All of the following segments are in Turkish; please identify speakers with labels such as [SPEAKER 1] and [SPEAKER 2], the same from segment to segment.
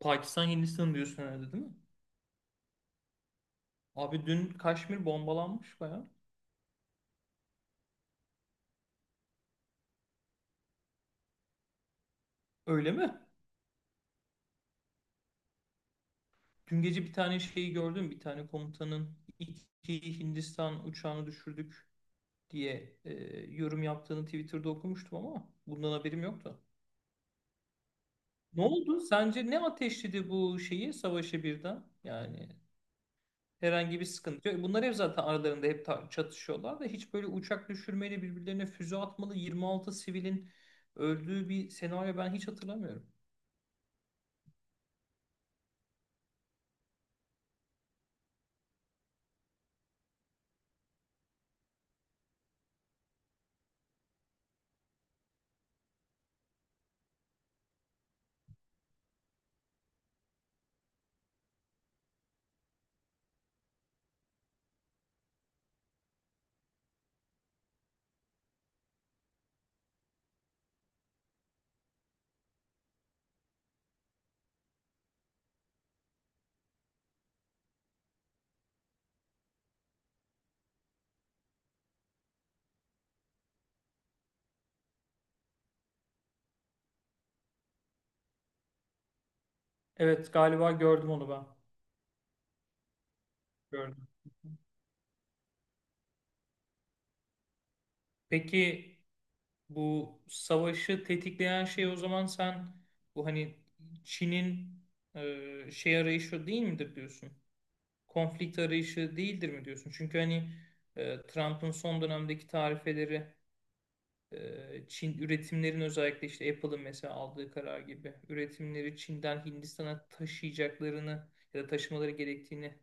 [SPEAKER 1] Pakistan Hindistan diyorsun herhalde değil mi? Abi dün Kaşmir bombalanmış baya. Öyle mi? Dün gece bir tane şeyi gördüm. Bir tane komutanın iki Hindistan uçağını düşürdük diye yorum yaptığını Twitter'da okumuştum ama bundan haberim yoktu. Ne oldu? Sence ne ateşledi bu şeyi savaşı birden? Yani herhangi bir sıkıntı yok. Bunlar hep zaten aralarında hep çatışıyorlar da hiç böyle uçak düşürmeyle birbirlerine füze atmalı 26 sivilin öldüğü bir senaryo ben hiç hatırlamıyorum. Evet galiba gördüm onu ben. Gördüm. Peki bu savaşı tetikleyen şey o zaman sen bu hani Çin'in şey arayışı değil midir diyorsun? Konflikt arayışı değildir mi diyorsun? Çünkü hani Trump'ın son dönemdeki tarifeleri Çin üretimlerin özellikle işte Apple'ın mesela aldığı karar gibi üretimleri Çin'den Hindistan'a taşıyacaklarını ya da taşımaları gerektiğini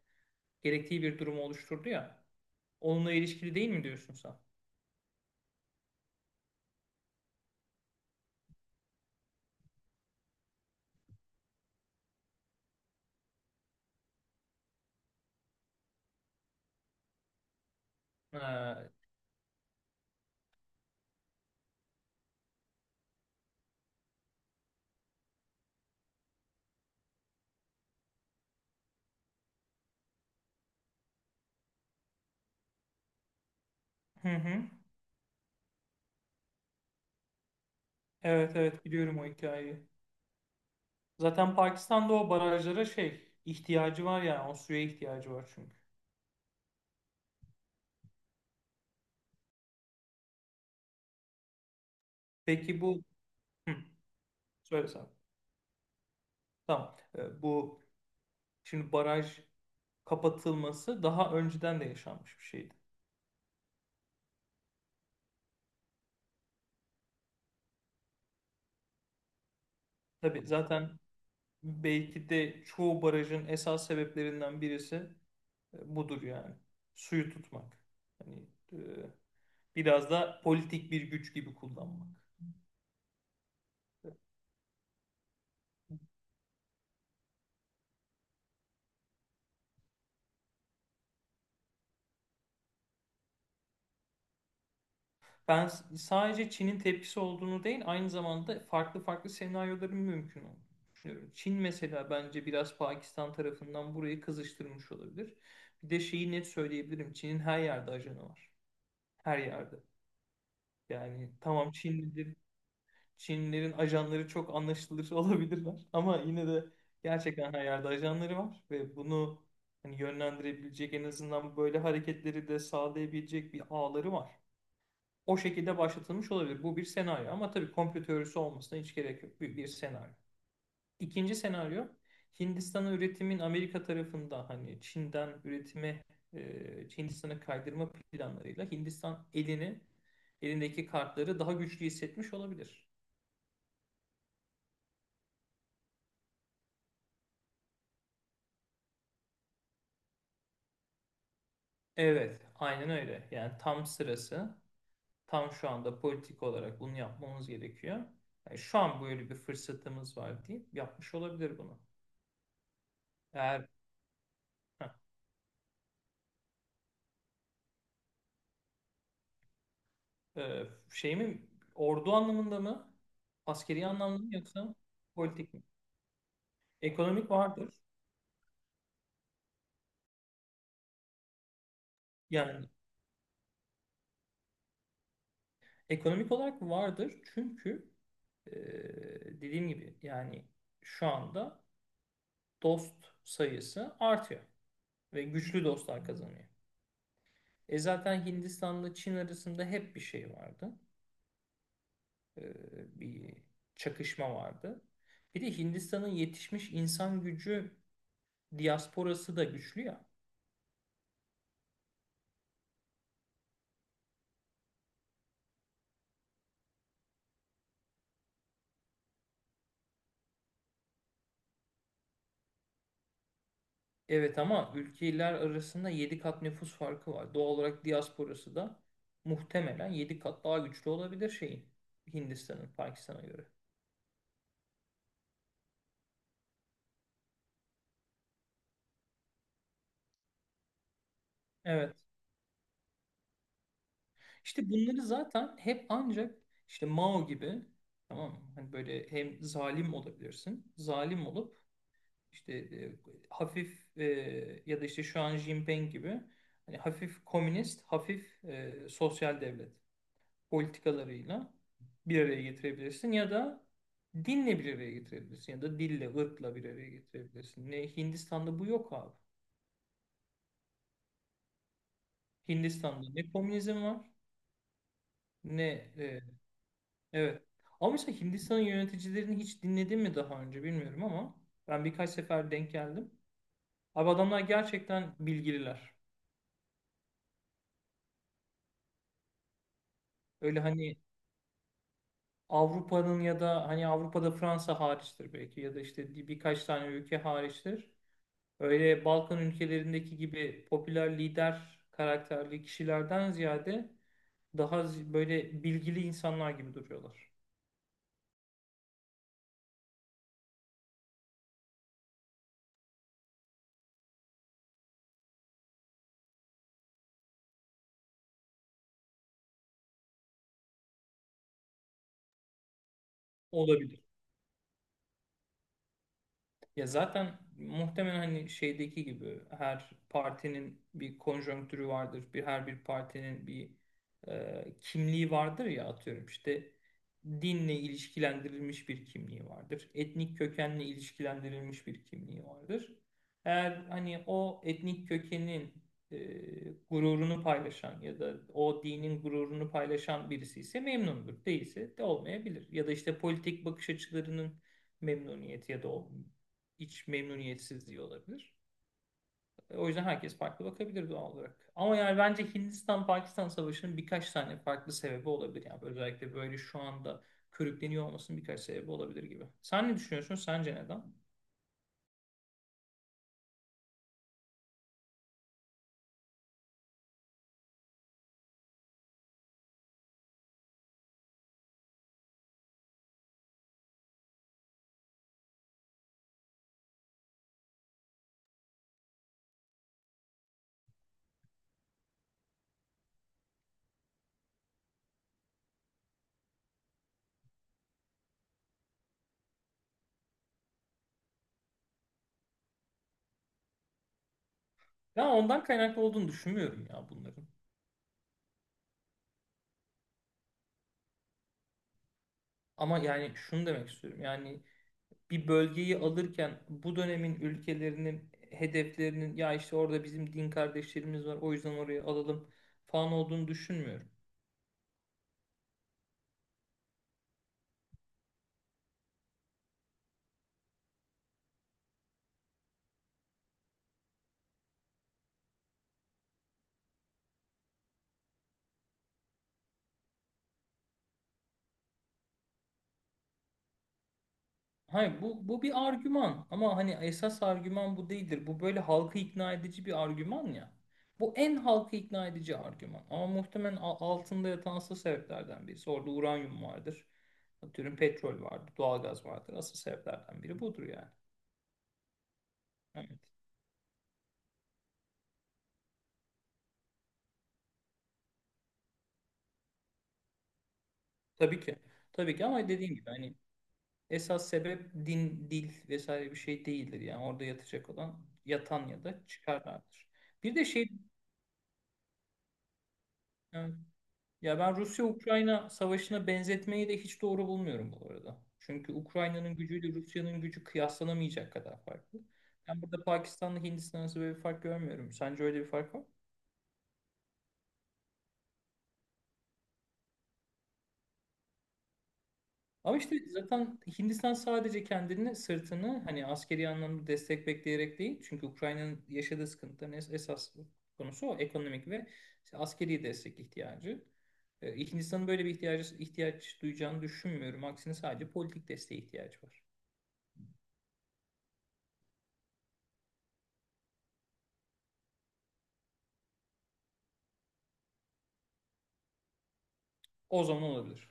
[SPEAKER 1] gerektiği bir durumu oluşturdu ya. Onunla ilişkili değil mi diyorsun sen? Ha. Hı hı. Evet evet, biliyorum o hikayeyi. Zaten Pakistan'da o barajlara şey ihtiyacı var, yani o suya ihtiyacı var çünkü. Peki bu hı, söyle sen. Tamam. Bu şimdi baraj kapatılması daha önceden de yaşanmış bir şeydi. Tabii zaten belki de çoğu barajın esas sebeplerinden birisi budur yani. Suyu tutmak. Hani e, biraz da politik bir güç gibi kullanmak. Ben sadece Çin'in tepkisi olduğunu değil, aynı zamanda farklı farklı senaryoların mümkün olduğunu düşünüyorum. Çin mesela bence biraz Pakistan tarafından burayı kızıştırmış olabilir. Bir de şeyi net söyleyebilirim. Çin'in her yerde ajanı var. Her yerde. Yani tamam Çinlidir, Çinlilerin ajanları çok anlaşılır olabilirler. Ama yine de gerçekten her yerde ajanları var ve bunu hani yönlendirebilecek, en azından böyle hareketleri de sağlayabilecek bir ağları var. O şekilde başlatılmış olabilir. Bu bir senaryo, ama tabii komplo teorisi olmasına hiç gerek yok. Bir senaryo. İkinci senaryo Hindistan'a üretimin Amerika tarafında hani Çin'den üretime e, Hindistan'a kaydırma planlarıyla Hindistan elindeki kartları daha güçlü hissetmiş olabilir. Evet, aynen öyle. Yani tam sırası, tam şu anda politik olarak bunu yapmamız gerekiyor. Yani şu an böyle bir fırsatımız var deyip yapmış olabilir bunu. Eğer heh, e, şey mi, ordu anlamında mı, askeri anlamda mı, yoksa politik mi? Ekonomik vardır. Yani ekonomik olarak vardır, çünkü e, dediğim gibi yani şu anda dost sayısı artıyor ve güçlü dostlar kazanıyor. Zaten Hindistan'la Çin arasında hep bir şey vardı. Ee, bir çakışma vardı. Bir de Hindistan'ın yetişmiş insan gücü diasporası da güçlü ya. Evet, ama ülkeler arasında 7 kat nüfus farkı var. Doğal olarak diasporası da muhtemelen 7 kat daha güçlü olabilir şeyin. Hindistan'ın Pakistan'a göre. Evet. İşte bunları zaten hep ancak işte Mao gibi, tamam mı? Hani böyle hem zalim olabilirsin. Zalim olup işte hafif ya da işte şu an Jinping gibi hani hafif komünist, hafif sosyal devlet politikalarıyla bir araya getirebilirsin, ya da dinle bir araya getirebilirsin, ya da dille, ırkla bir araya getirebilirsin. Ne Hindistan'da bu yok abi. Hindistan'da ne komünizm var, ne e, evet. Ama mesela Hindistan'ın yöneticilerini hiç dinledin mi daha önce bilmiyorum, ama ben birkaç sefer denk geldim. Abi adamlar gerçekten bilgililer. Öyle hani Avrupa'nın ya da hani Avrupa'da Fransa hariçtir belki, ya da işte birkaç tane ülke hariçtir. Öyle Balkan ülkelerindeki gibi popüler lider karakterli kişilerden ziyade daha böyle bilgili insanlar gibi duruyorlar. Olabilir. Ya zaten muhtemelen hani şeydeki gibi her partinin bir konjonktürü vardır. Her bir partinin bir kimliği vardır ya, atıyorum işte dinle ilişkilendirilmiş bir kimliği vardır. Etnik kökenle ilişkilendirilmiş bir kimliği vardır. Eğer hani o etnik kökenin e, gururunu paylaşan ya da o dinin gururunu paylaşan birisi ise memnundur. Değilse de olmayabilir. Ya da işte politik bakış açılarının memnuniyeti ya da o iç memnuniyetsizliği olabilir. O yüzden herkes farklı bakabilir doğal olarak. Ama yani bence Hindistan-Pakistan Savaşı'nın birkaç tane farklı sebebi olabilir. Yani özellikle böyle şu anda körükleniyor olmasının birkaç sebebi olabilir gibi. Sen ne düşünüyorsun? Sence neden? Ben ondan kaynaklı olduğunu düşünmüyorum ya bunların. Ama yani şunu demek istiyorum. Yani bir bölgeyi alırken bu dönemin ülkelerinin hedeflerinin ya işte orada bizim din kardeşlerimiz var o yüzden oraya alalım falan olduğunu düşünmüyorum. Hayır, bu bir argüman, ama hani esas argüman bu değildir. Bu böyle halkı ikna edici bir argüman ya. Bu en halkı ikna edici argüman. Ama muhtemelen altında yatan asıl sebeplerden birisi. Orada uranyum vardır. Atıyorum petrol vardır, doğalgaz vardır. Asıl sebeplerden biri budur yani. Evet. Tabii ki. Tabii ki, ama dediğim gibi hani esas sebep din, dil vesaire bir şey değildir. Yani orada yatacak olan yatan ya da çıkarlardır. Bir de şey... Evet. Ya ben Rusya-Ukrayna savaşına benzetmeyi de hiç doğru bulmuyorum bu arada. Çünkü Ukrayna'nın gücüyle Rusya'nın gücü kıyaslanamayacak kadar farklı. Ben burada Pakistan'la Hindistan arasında böyle bir fark görmüyorum. Sence öyle bir fark var mı? Ama işte zaten Hindistan sadece kendini, sırtını hani askeri anlamda destek bekleyerek değil. Çünkü Ukrayna'nın yaşadığı sıkıntıların esas konusu o ekonomik ve işte askeri destek ihtiyacı. Hindistan'ın böyle bir ihtiyaç duyacağını düşünmüyorum. Aksine sadece politik desteğe ihtiyacı var. O zaman olabilir.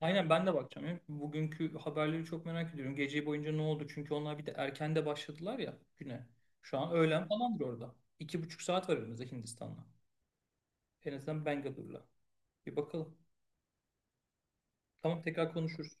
[SPEAKER 1] Aynen, ben de bakacağım ya. Bugünkü haberleri çok merak ediyorum. Gece boyunca ne oldu? Çünkü onlar bir de erken de başladılar ya güne. Şu an öğlen falandır orada. 2,5 saat var aramızda Hindistan'la. En azından Bangalore'la. Bir bakalım. Tamam, tekrar konuşuruz.